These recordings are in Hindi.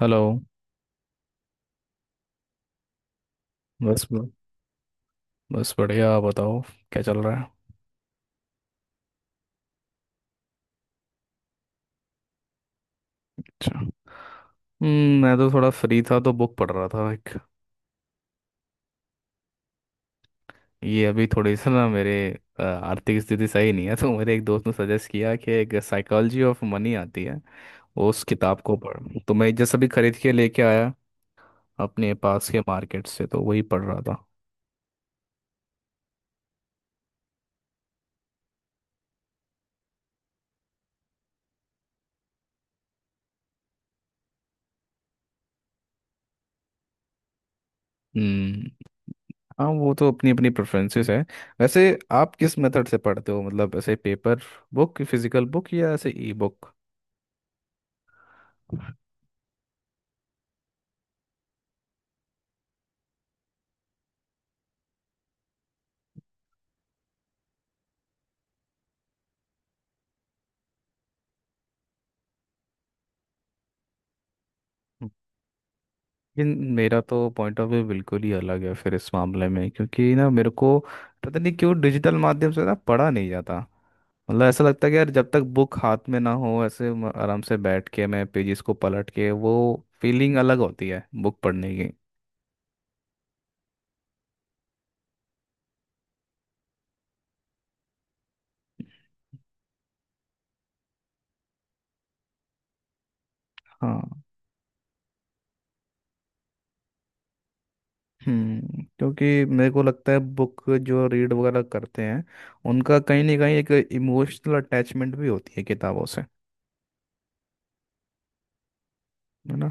हेलो। बस बस बढ़िया, आप बताओ क्या चल रहा है? अच्छा। मैं तो थोड़ा फ्री था तो बुक पढ़ रहा था एक। ये अभी थोड़ी सा ना मेरे आर्थिक स्थिति सही नहीं है, तो मेरे एक दोस्त ने सजेस्ट किया कि एक साइकोलॉजी ऑफ मनी आती है। उस किताब को पढ़ तो मैं जस्ट अभी खरीद के लेके आया अपने पास के मार्केट से, तो वही पढ़ रहा था। हम्म। हाँ, वो तो अपनी अपनी प्रेफरेंसेस है। वैसे आप किस मेथड से पढ़ते हो, मतलब ऐसे पेपर बुक, फिजिकल बुक, या ऐसे ई बुक? लेकिन मेरा तो पॉइंट ऑफ व्यू बिल्कुल ही अलग है फिर इस मामले में, क्योंकि ना मेरे को पता नहीं क्यों डिजिटल माध्यम से ना पढ़ा नहीं जाता। मतलब ऐसा लगता है कि यार, जब तक बुक हाथ में ना हो, ऐसे आराम से बैठ के मैं पेजेस को पलट के वो फीलिंग अलग होती है बुक पढ़ने की। हाँ। क्योंकि मेरे को लगता है बुक जो रीड वगैरह करते हैं, उनका कहीं ना कहीं एक इमोशनल अटैचमेंट भी होती है किताबों से। है ना?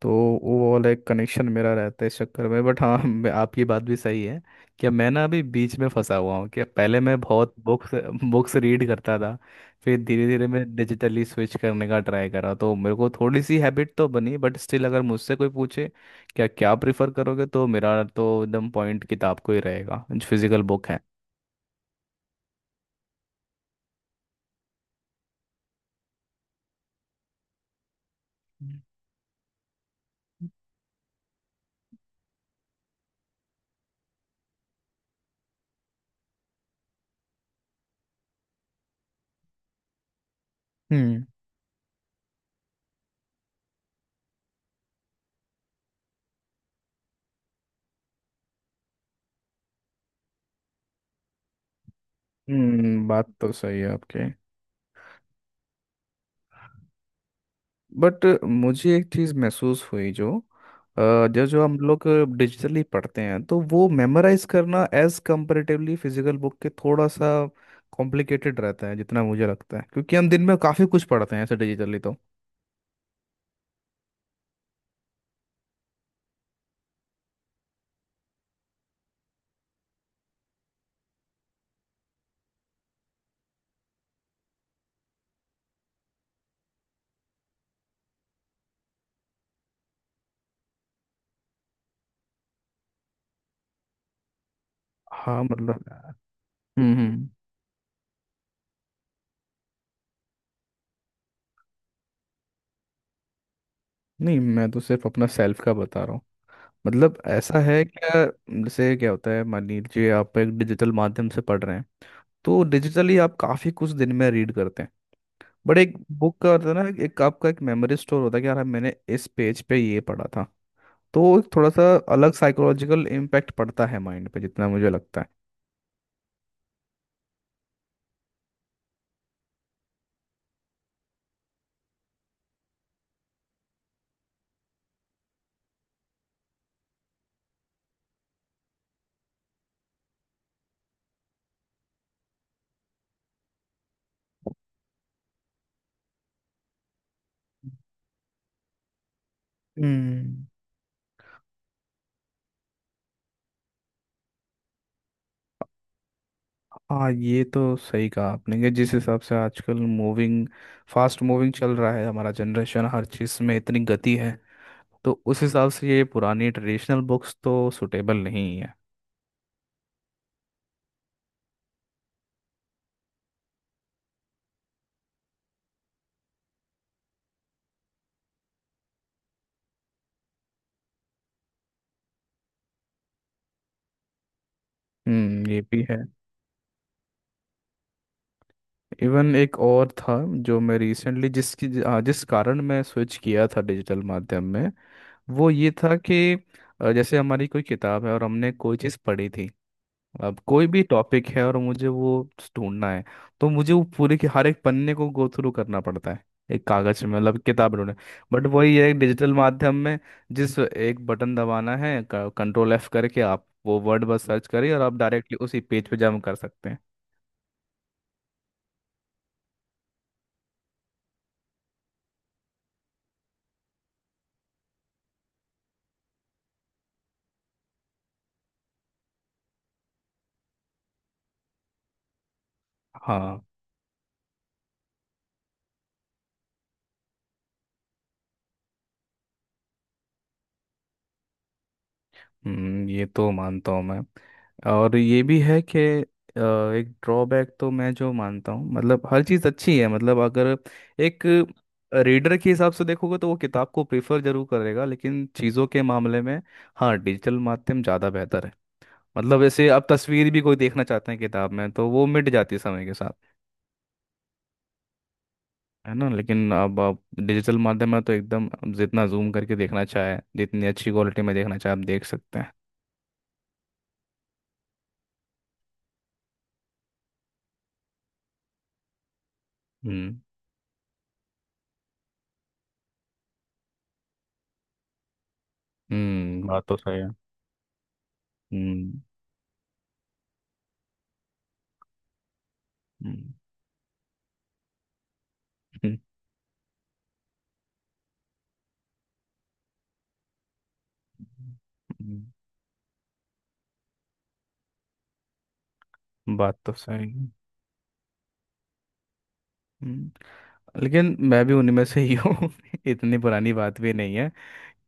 तो वो वाला एक कनेक्शन मेरा रहता है इस चक्कर में, बट हाँ, आपकी बात भी सही है कि मैं ना अभी बीच में फंसा हुआ हूँ कि पहले मैं बहुत बुक्स बुक्स रीड करता था। फिर धीरे धीरे मैं डिजिटली स्विच करने का ट्राई करा, तो मेरे को थोड़ी सी हैबिट तो बनी, बट स्टिल अगर मुझसे कोई पूछे क्या क्या प्रिफर करोगे, तो मेरा तो एकदम पॉइंट किताब को ही रहेगा, जो फिजिकल बुक है। हम्म, हम्म, बात तो सही है आपकी। बट मुझे एक चीज़ महसूस हुई अ, जो जो हम लोग डिजिटली पढ़ते हैं तो वो मेमोराइज करना एज कंपैरेटिवली फिजिकल बुक के थोड़ा सा कॉम्प्लिकेटेड रहता है, जितना मुझे लगता है, क्योंकि हम दिन में काफ़ी कुछ पढ़ते हैं ऐसे डिजिटली तो। हाँ, मतलब। हम्म, हम्म। नहीं, मैं तो सिर्फ अपना सेल्फ का बता रहा हूँ, मतलब ऐसा है क्या? जैसे क्या होता है, मान लीजिए आप एक डिजिटल माध्यम से पढ़ रहे हैं, तो डिजिटली आप काफ़ी कुछ दिन में रीड करते हैं, बट एक बुक का होता है ना, एक आपका एक मेमोरी स्टोर होता है कि यार मैंने इस पेज पे ये पढ़ा था, तो वो एक थोड़ा सा अलग साइकोलॉजिकल इम्पैक्ट पड़ता है माइंड पे, जितना मुझे लगता है। हम्म। हाँ, ये तो सही कहा आपने कि जिस हिसाब से आजकल मूविंग फास्ट मूविंग चल रहा है हमारा जनरेशन, हर चीज़ में इतनी गति है, तो उस हिसाब से ये पुरानी ट्रेडिशनल बुक्स तो सुटेबल नहीं है। हम्म, ये भी है। इवन एक और था जो मैं रिसेंटली जिसकी हाँ, जिस कारण मैं स्विच किया था डिजिटल माध्यम में, वो ये था कि जैसे हमारी कोई किताब है और हमने कोई चीज़ पढ़ी थी, अब कोई भी टॉपिक है और मुझे वो ढूंढना है, तो मुझे वो पूरे के हर एक पन्ने को गो थ्रू करना पड़ता है, एक कागज में, मतलब किताब में ढूंढना। बट वही है डिजिटल माध्यम में, जिस एक बटन दबाना है, कंट्रोल एफ करके आप वो वर्ड बस सर्च करिए और आप डायरेक्टली उसी पेज पे जंप कर सकते हैं। हाँ। ये तो मानता हूँ मैं। और ये भी है कि अ, एक ड्रॉबैक तो मैं जो मानता हूँ, मतलब हर चीज़ अच्छी है, मतलब अगर एक रीडर के हिसाब से देखोगे तो वो किताब को प्रेफर जरूर करेगा, लेकिन चीज़ों के मामले में, हाँ, डिजिटल माध्यम ज़्यादा बेहतर है। मतलब जैसे अब तस्वीर भी कोई देखना चाहते हैं किताब में तो वो मिट जाती है समय के साथ। है ना? लेकिन अब आप डिजिटल माध्यम में तो एकदम जितना जूम करके देखना चाहे, जितनी अच्छी क्वालिटी में देखना चाहे, आप देख सकते हैं। हम्म, हम्म, बात तो सही है। हम्म, हम्म, हम्म, बात तो सही है। हम्म, लेकिन मैं भी उनमें से ही हूँ इतनी पुरानी बात भी नहीं है,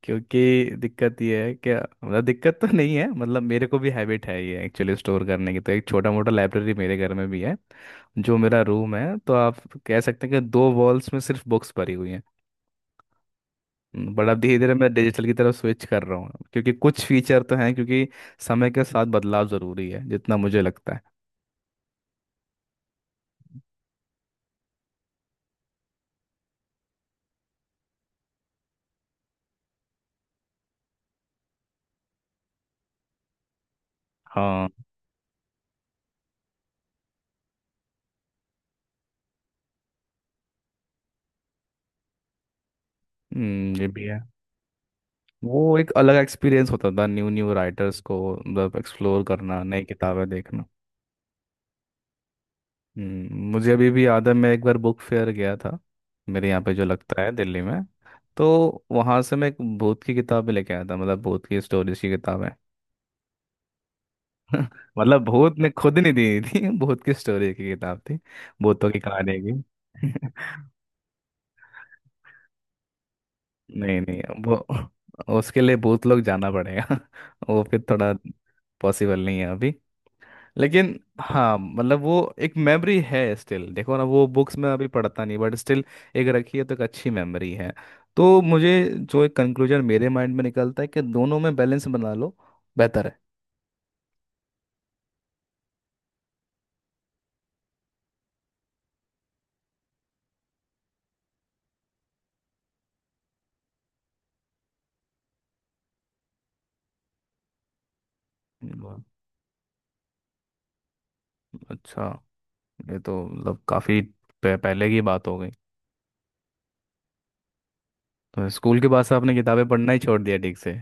क्योंकि दिक्कत ये है कि, मतलब दिक्कत तो नहीं है, मतलब मेरे को भी हैबिट है ये एक्चुअली स्टोर करने की, तो एक छोटा मोटा लाइब्रेरी मेरे घर में भी है, जो मेरा रूम है, तो आप कह सकते हैं कि दो वॉल्स में सिर्फ बुक्स भरी हुई हैं। बट अब धीरे धीरे मैं डिजिटल की तरफ स्विच कर रहा हूँ, क्योंकि कुछ फीचर तो हैं, क्योंकि समय के साथ बदलाव ज़रूरी है, जितना मुझे लगता है। हाँ। ये भी है। वो एक अलग एक्सपीरियंस होता था न्यू न्यू राइटर्स को, मतलब एक्सप्लोर करना, नई किताबें देखना। मुझे अभी भी याद है, मैं एक बार बुक फेयर गया था, मेरे यहाँ पे जो लगता है दिल्ली में, तो वहाँ से मैं एक भूत की किताबें लेके आया था, मतलब भूत की स्टोरीज की किताबें मतलब भूत ने खुद नहीं दी थी, भूत की स्टोरी की किताब थी, भूतों की कहानी की नहीं नहीं, वो उसके लिए भूत लोग जाना पड़ेगा वो फिर थोड़ा पॉसिबल नहीं है अभी। लेकिन हाँ, मतलब वो एक मेमोरी है, स्टिल देखो ना, वो बुक्स में अभी पढ़ता नहीं बट स्टिल एक रखी है, तो एक अच्छी मेमोरी है। तो मुझे जो एक कंक्लूजन मेरे माइंड में निकलता है कि दोनों में बैलेंस बना लो, बेहतर है। वाह, अच्छा। ये तो मतलब काफी पहले की बात हो गई। तो स्कूल के बाद से आपने किताबें पढ़ना ही छोड़ दिया ठीक से?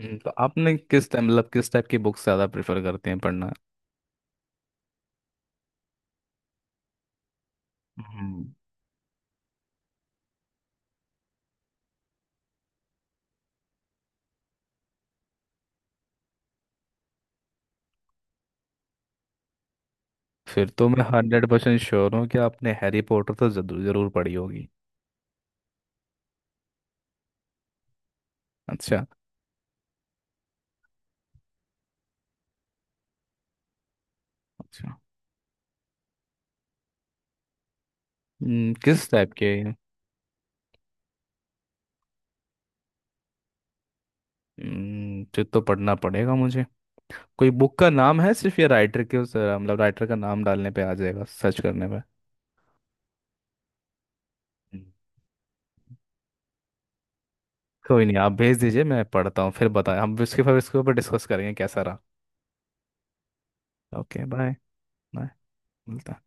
तो आपने किस टाइम, मतलब किस टाइप की बुक्स ज़्यादा प्रेफर करते हैं पढ़ना? हम्म, फिर तो मैं 100% श्योर हूँ कि आपने हैरी पॉटर तो जरूर जरूर पढ़ी होगी। अच्छा। अच्छा। किस टाइप के? फिर तो पढ़ना पड़ेगा मुझे। कोई बुक का नाम है सिर्फ, या राइटर के उस, मतलब राइटर का नाम डालने पे आ जाएगा सर्च करने पे? हम्म। कोई नहीं, आप भेज दीजिए, मैं पढ़ता हूँ, फिर बताएं हम, इसके फिर इसके ऊपर डिस्कस करेंगे कैसा रहा। Okay, bye. बाय। मिलता।